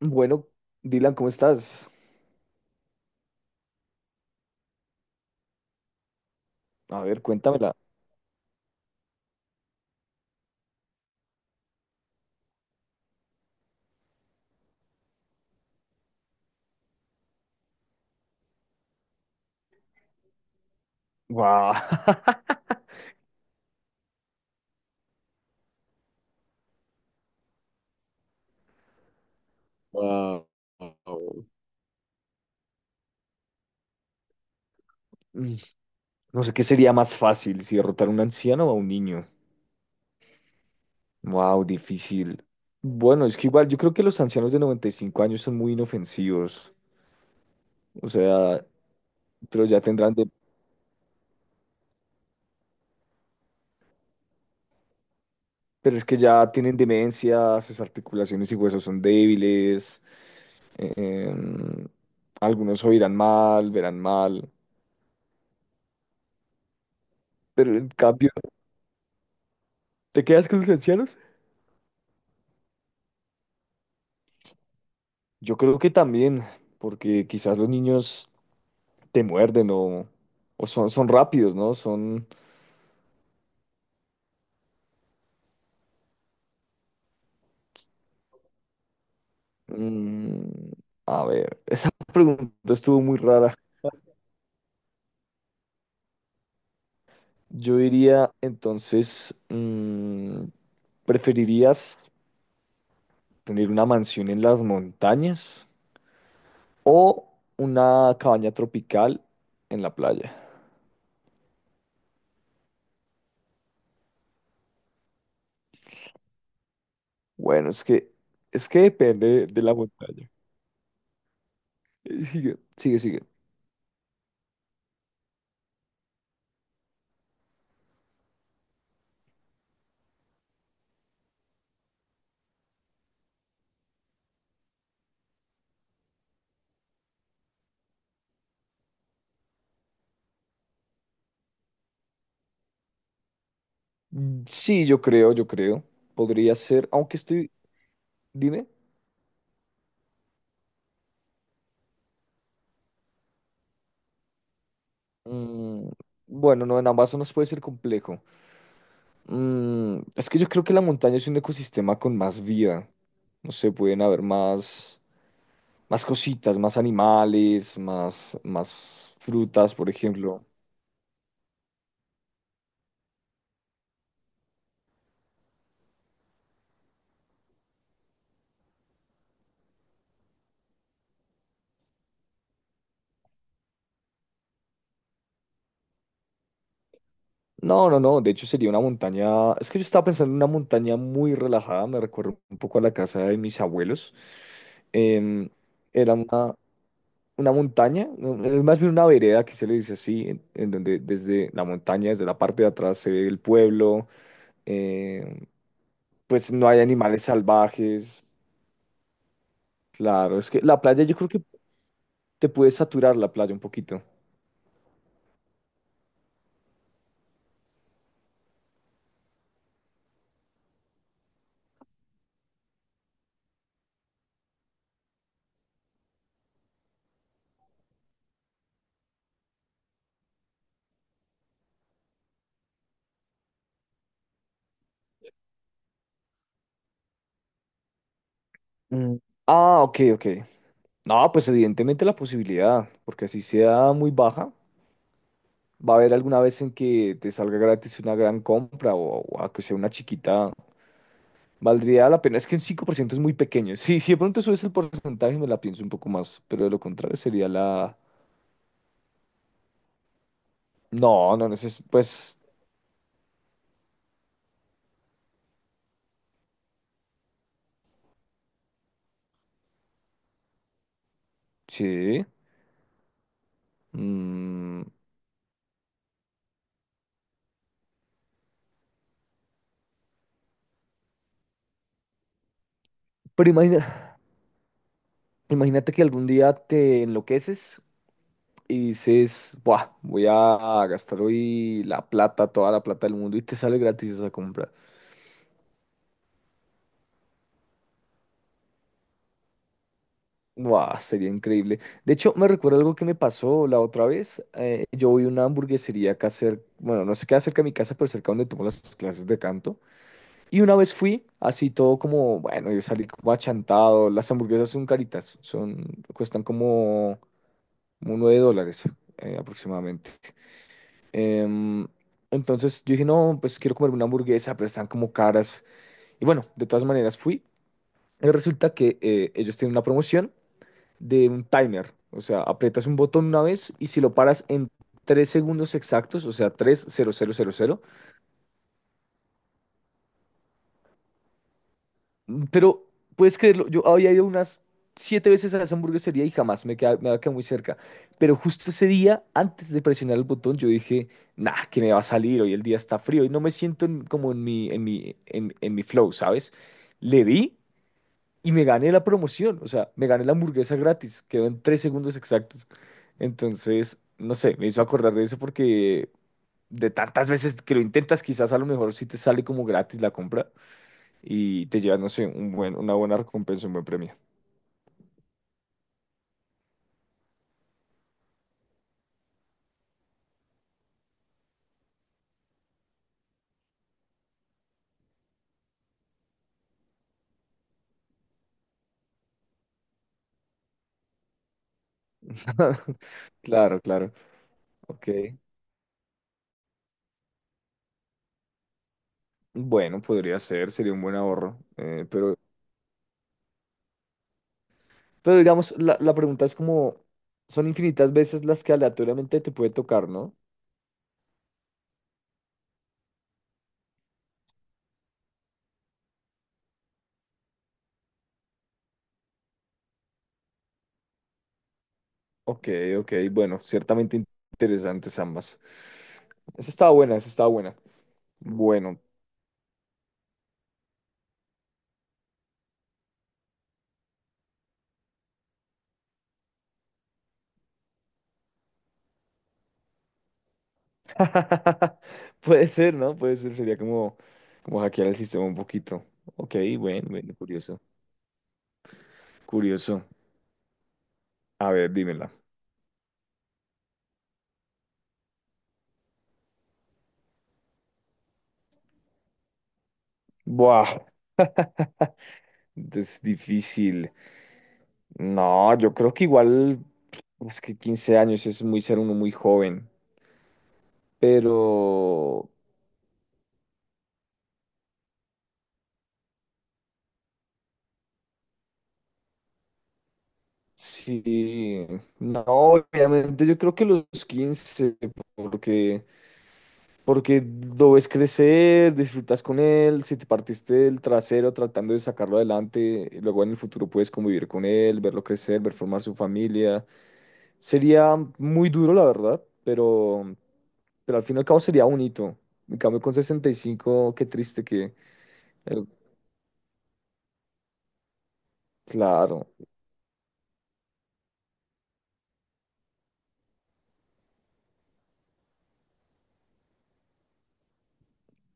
Bueno, Dylan, ¿cómo estás? A ver, cuéntamela. Guau. Guau. Mm, No sé qué sería más fácil, si derrotar a un anciano o a un niño. Wow, difícil. Bueno, es que igual yo creo que los ancianos de 95 años son muy inofensivos. O sea, pero ya Pero es que ya tienen demencia, sus articulaciones y huesos son débiles. em, Algunos oirán mal, verán mal. Pero en cambio, ¿te quedas con los ancianos? Yo creo que también, porque quizás los niños te muerden o son rápidos, ¿no? Mm, a ver, esa pregunta estuvo muy rara. Yo diría, entonces, ¿preferirías tener una mansión en las montañas o una cabaña tropical en la playa? Bueno, es que depende de la montaña. Sigue, sigue, sigue. Mm, sí, yo creo. Podría ser, aunque estoy. Dime. Mm, bueno, no, en Amazonas puede ser complejo. Mm, es que yo creo que la montaña es un ecosistema con más vida. No sé, pueden haber más cositas, más animales, más frutas, por ejemplo. No, no, no. De hecho, sería una montaña. Es que yo estaba pensando en una montaña muy relajada. Me recuerda un poco a la casa de mis abuelos. Em, Era una montaña, no, es más bien una vereda que se le dice así, en donde desde la montaña, desde la parte de atrás se ve el pueblo, eh, pues no hay animales salvajes, claro, es que la playa yo creo que te puede saturar la playa un poquito. Mm, Ah, ok, ok. No, pues evidentemente la posibilidad, porque así sea muy baja, va a haber alguna vez en que te salga gratis una gran compra o a que sea una chiquita. Valdría la pena, es que un ciento es muy pequeño. Sí, si de pronto subes el porcentaje, me la pienso un poco más, pero de lo contrario sería la... No, no, no sé, pues sí. mm, Pero imagina, imagínate que algún día te enloqueces y dices, buah, voy a gastar hoy la plata, toda la plata del mundo y te sale gratis esa compra. Buah, sería increíble. De hecho, me recuerda algo que me pasó la otra vez. Yo voy a una hamburguesería acá cerca, bueno, no sé qué cerca de mi casa, pero cerca donde tomo las clases de canto. Y una vez fui, así todo como, bueno, yo salí como achantado. Las hamburguesas son caritas, cuestan como $9 aproximadamente. Em, entonces yo dije, no, pues quiero comer una hamburguesa, pero están como caras. Y bueno, de todas maneras fui. Y resulta que ellos tienen una promoción de un timer. O sea, aprietas un botón una vez y si lo paras en 3 segundos exactos, o sea, tres. Pero puedes creerlo, yo había ido unas 7 veces a esa hamburguesería y jamás me había quedado muy cerca. Pero justo ese día, antes de presionar el botón, yo dije, nah, que me va a salir, hoy el día está frío y no me siento como en mi flow, ¿sabes? Le di y me gané la promoción, o sea, me gané la hamburguesa gratis, quedó en 3 segundos exactos. Entonces, no sé, me hizo acordar de eso porque de tantas veces que lo intentas, quizás a lo mejor sí te sale como gratis la compra y te llevas, no sé, una buena recompensa, un buen premio. Claro, claro. Ok. Bueno, podría ser, sería un buen ahorro. Pero digamos, la pregunta es como, son infinitas veces las que aleatoriamente te puede tocar, ¿no? Ok, ok, bueno, ciertamente interesantes ambas. Esa estaba buena, esa estaba buena. Bueno, puede ser, ¿no? Puede ser, sería como, como hackear el sistema un poquito. Ok, bueno, bueno, curioso. Curioso. A ver, dímela. Buah, es difícil. No, yo creo que igual, es que 15 años es muy ser uno muy joven, pero sí, no, obviamente yo creo que los 15, porque. Porque lo ves crecer, disfrutas con él, si te partiste el trasero tratando de sacarlo adelante, luego en el futuro puedes convivir con él, verlo crecer, ver formar su familia. Sería muy duro, la verdad, pero al fin y al cabo sería bonito. En cambio, con 65, qué triste que... eh, claro.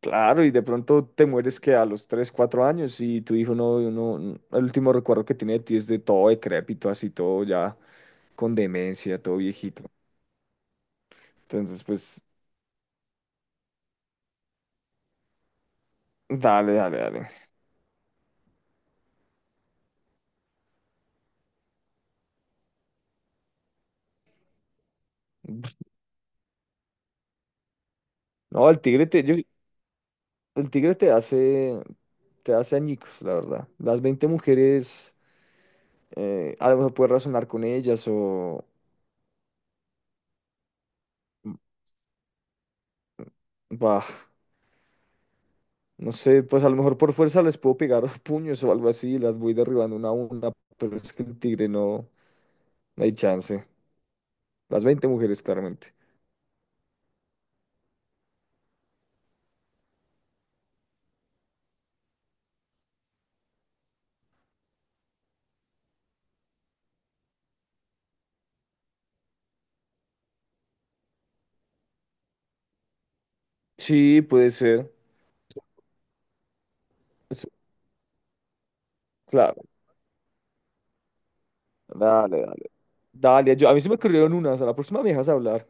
Claro, y de pronto te mueres que a los 3 o 4 años y tu hijo el último recuerdo que tiene de ti es de todo decrépito, así todo ya con demencia, todo viejito. Entonces, pues, dale, dale, dale. No, el el tigre te hace añicos, la verdad. Las 20 mujeres, a lo mejor puedes razonar con ellas o, bah. No sé, pues a lo mejor por fuerza les puedo pegar puños o algo así, las voy derribando una a una, pero es que el tigre no, no hay chance. Las 20 mujeres, claramente. Sí, puede ser. Eso, claro, dale, dale. Dale, yo- a mí se me ocurrieron unas, a la próxima me dejas hablar.